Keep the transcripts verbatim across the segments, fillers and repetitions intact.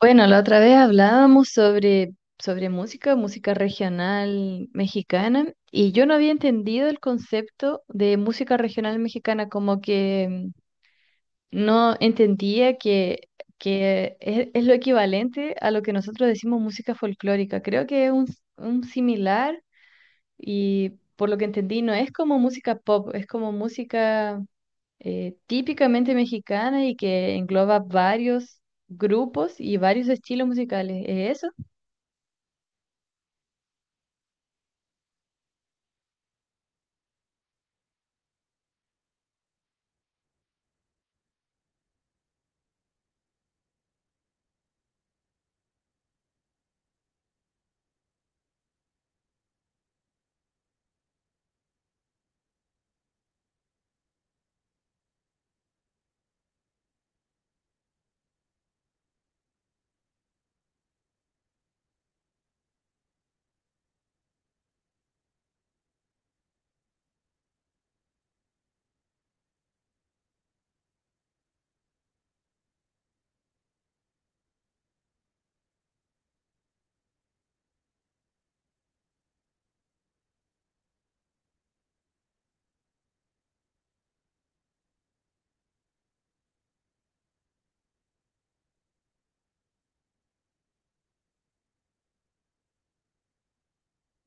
Bueno, la otra vez hablábamos sobre, sobre música, música regional mexicana, y yo no había entendido el concepto de música regional mexicana, como que mm, no entendía que, que es, es lo equivalente a lo que nosotros decimos música folclórica. Creo que es un, un similar, y por lo que entendí, no es como música pop, es como música eh, típicamente mexicana y que engloba varios grupos y varios estilos musicales. ¿Es eso?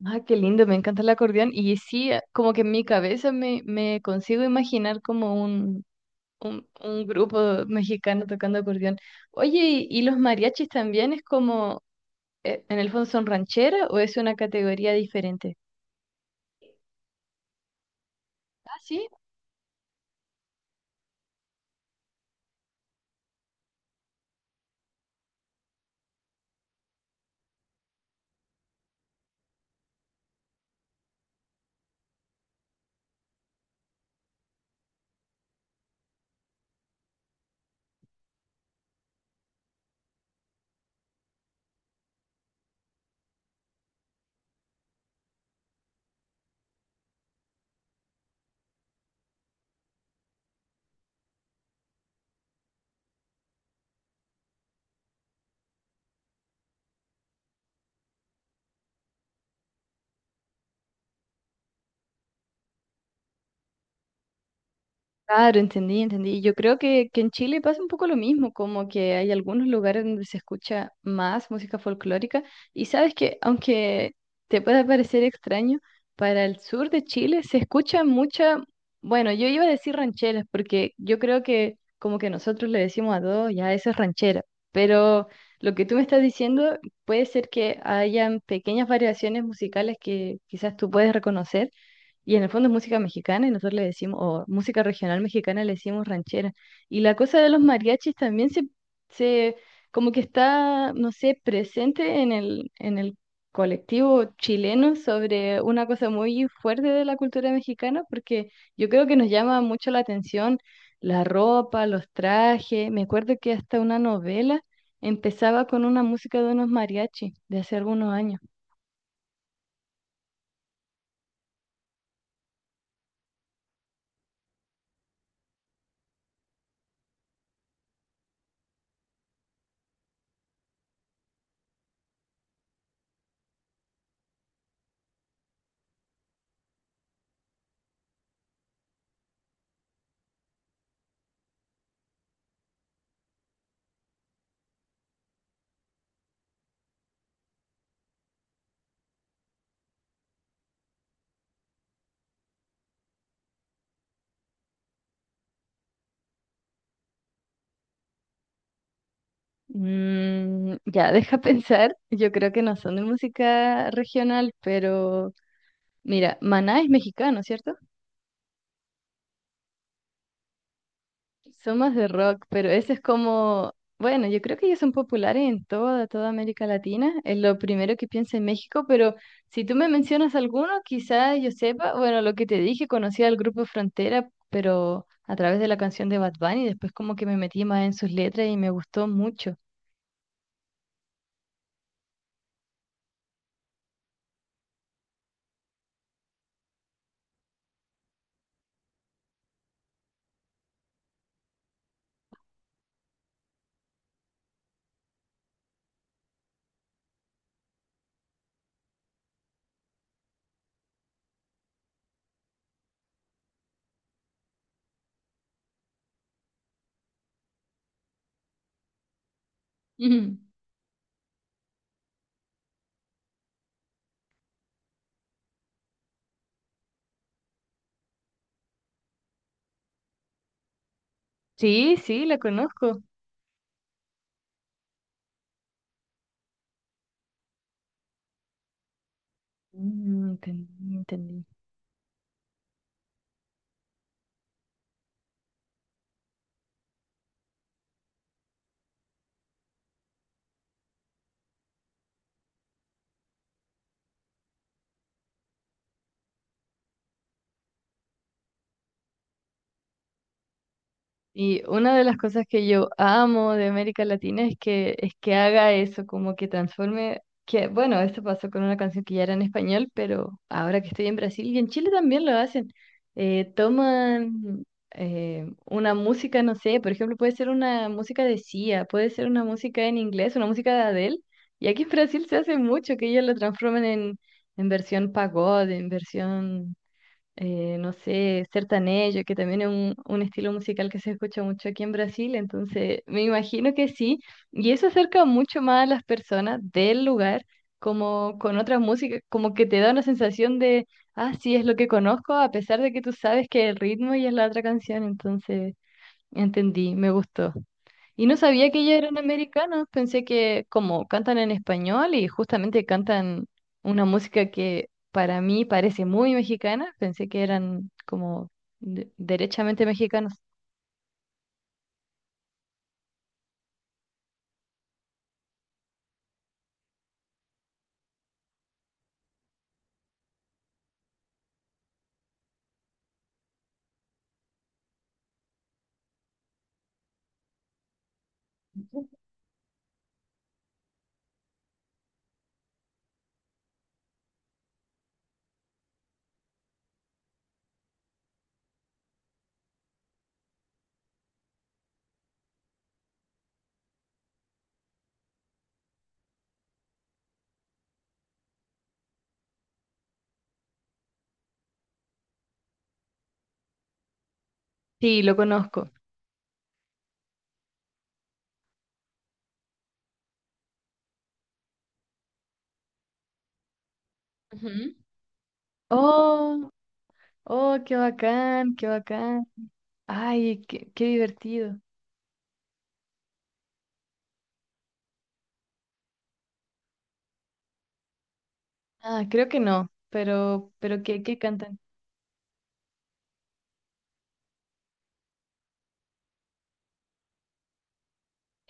Ah, qué lindo, me encanta el acordeón. Y sí, eh, como que en mi cabeza me, me consigo imaginar como un, un, un grupo mexicano tocando acordeón. Oye, ¿y, y los mariachis también es como, eh, en el fondo son ranchera o es una categoría diferente? Ah, sí. Claro, entendí, entendí. Yo creo que, que en Chile pasa un poco lo mismo, como que hay algunos lugares donde se escucha más música folclórica y sabes que aunque te pueda parecer extraño, para el sur de Chile se escucha mucha, bueno, yo iba a decir rancheras porque yo creo que como que nosotros le decimos a todos, ya eso es ranchera, pero lo que tú me estás diciendo puede ser que hayan pequeñas variaciones musicales que quizás tú puedes reconocer y en el fondo es música mexicana y nosotros le decimos, o música regional mexicana le decimos ranchera. Y la cosa de los mariachis también se, se como que está, no sé, presente en el, en el colectivo chileno sobre una cosa muy fuerte de la cultura mexicana, porque yo creo que nos llama mucho la atención la ropa, los trajes. Me acuerdo que hasta una novela empezaba con una música de unos mariachis de hace algunos años. Mm, ya, deja pensar. Yo creo que no son de música regional, pero mira, Maná es mexicano, ¿cierto? Son más de rock, pero ese es como, bueno, yo creo que ellos son populares en toda, toda América Latina. Es lo primero que pienso en México, pero si tú me mencionas alguno, quizá yo sepa, bueno, lo que te dije, conocí al grupo Frontera, pero a través de la canción de Bad Bunny, después como que me metí más en sus letras y me gustó mucho. Ujú. Sí, sí, la conozco. Mm, entendí, entendí. Y una de las cosas que yo amo de América Latina es que, es que haga eso, como que transforme, que bueno, esto pasó con una canción que ya era en español, pero ahora que estoy en Brasil y en Chile también lo hacen, eh, toman eh, una música, no sé, por ejemplo, puede ser una música de Sia, puede ser una música en inglés, una música de Adele, y aquí en Brasil se hace mucho que ellos lo transformen en, en versión pagode, en versión eh, no sé, sertanejo, que también es un, un estilo musical que se escucha mucho aquí en Brasil, entonces me imagino que sí, y eso acerca mucho más a las personas del lugar, como con otras músicas, como que te da una sensación de, ah, sí, es lo que conozco, a pesar de que tú sabes que el ritmo y es la otra canción, entonces entendí, me gustó. Y no sabía que ellos eran americanos, pensé que como cantan en español y justamente cantan una música que para mí parece muy mexicana, pensé que eran como de- derechamente mexicanos. Sí, lo conozco. Ujú. Oh, oh, qué bacán, qué bacán. Ay, qué, qué divertido. Ah, creo que no, pero, pero ¿qué, qué cantan?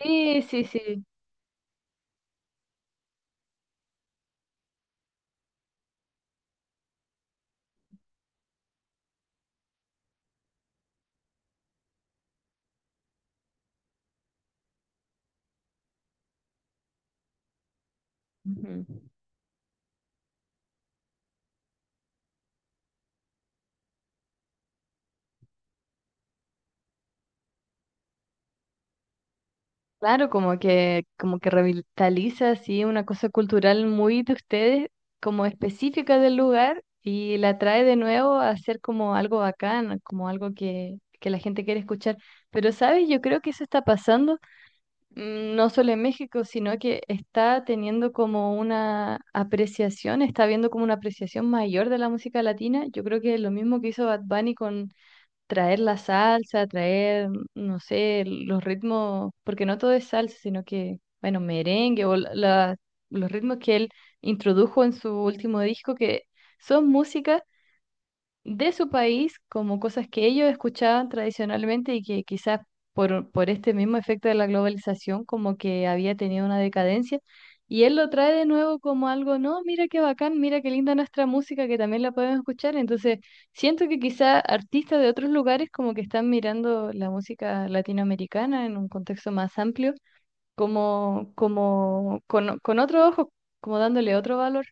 Sí, sí, sí. Ujú. Claro, como que, como que revitaliza así una cosa cultural muy de ustedes, como específica del lugar, y la trae de nuevo a ser como algo bacán, como algo que, que la gente quiere escuchar. Pero, ¿sabes? Yo creo que eso está pasando, mm, no solo en México, sino que está teniendo como una apreciación, está viendo como una apreciación mayor de la música latina. Yo creo que lo mismo que hizo Bad Bunny con traer la salsa, traer, no sé, los ritmos, porque no todo es salsa, sino que, bueno, merengue o la- los ritmos que él introdujo en su último disco, que son músicas de su país como cosas que ellos escuchaban tradicionalmente y que quizás por, por este mismo efecto de la globalización como que había tenido una decadencia. Y él lo trae de nuevo como algo, no, mira qué bacán, mira qué linda nuestra música que también la podemos escuchar. Entonces, siento que quizás artistas de otros lugares como que están mirando la música latinoamericana en un contexto más amplio, como, como con, con otro ojo, como dándole otro valor.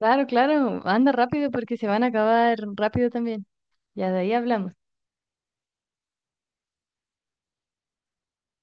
Claro, claro, anda rápido porque se van a acabar rápido también. Ya de ahí hablamos.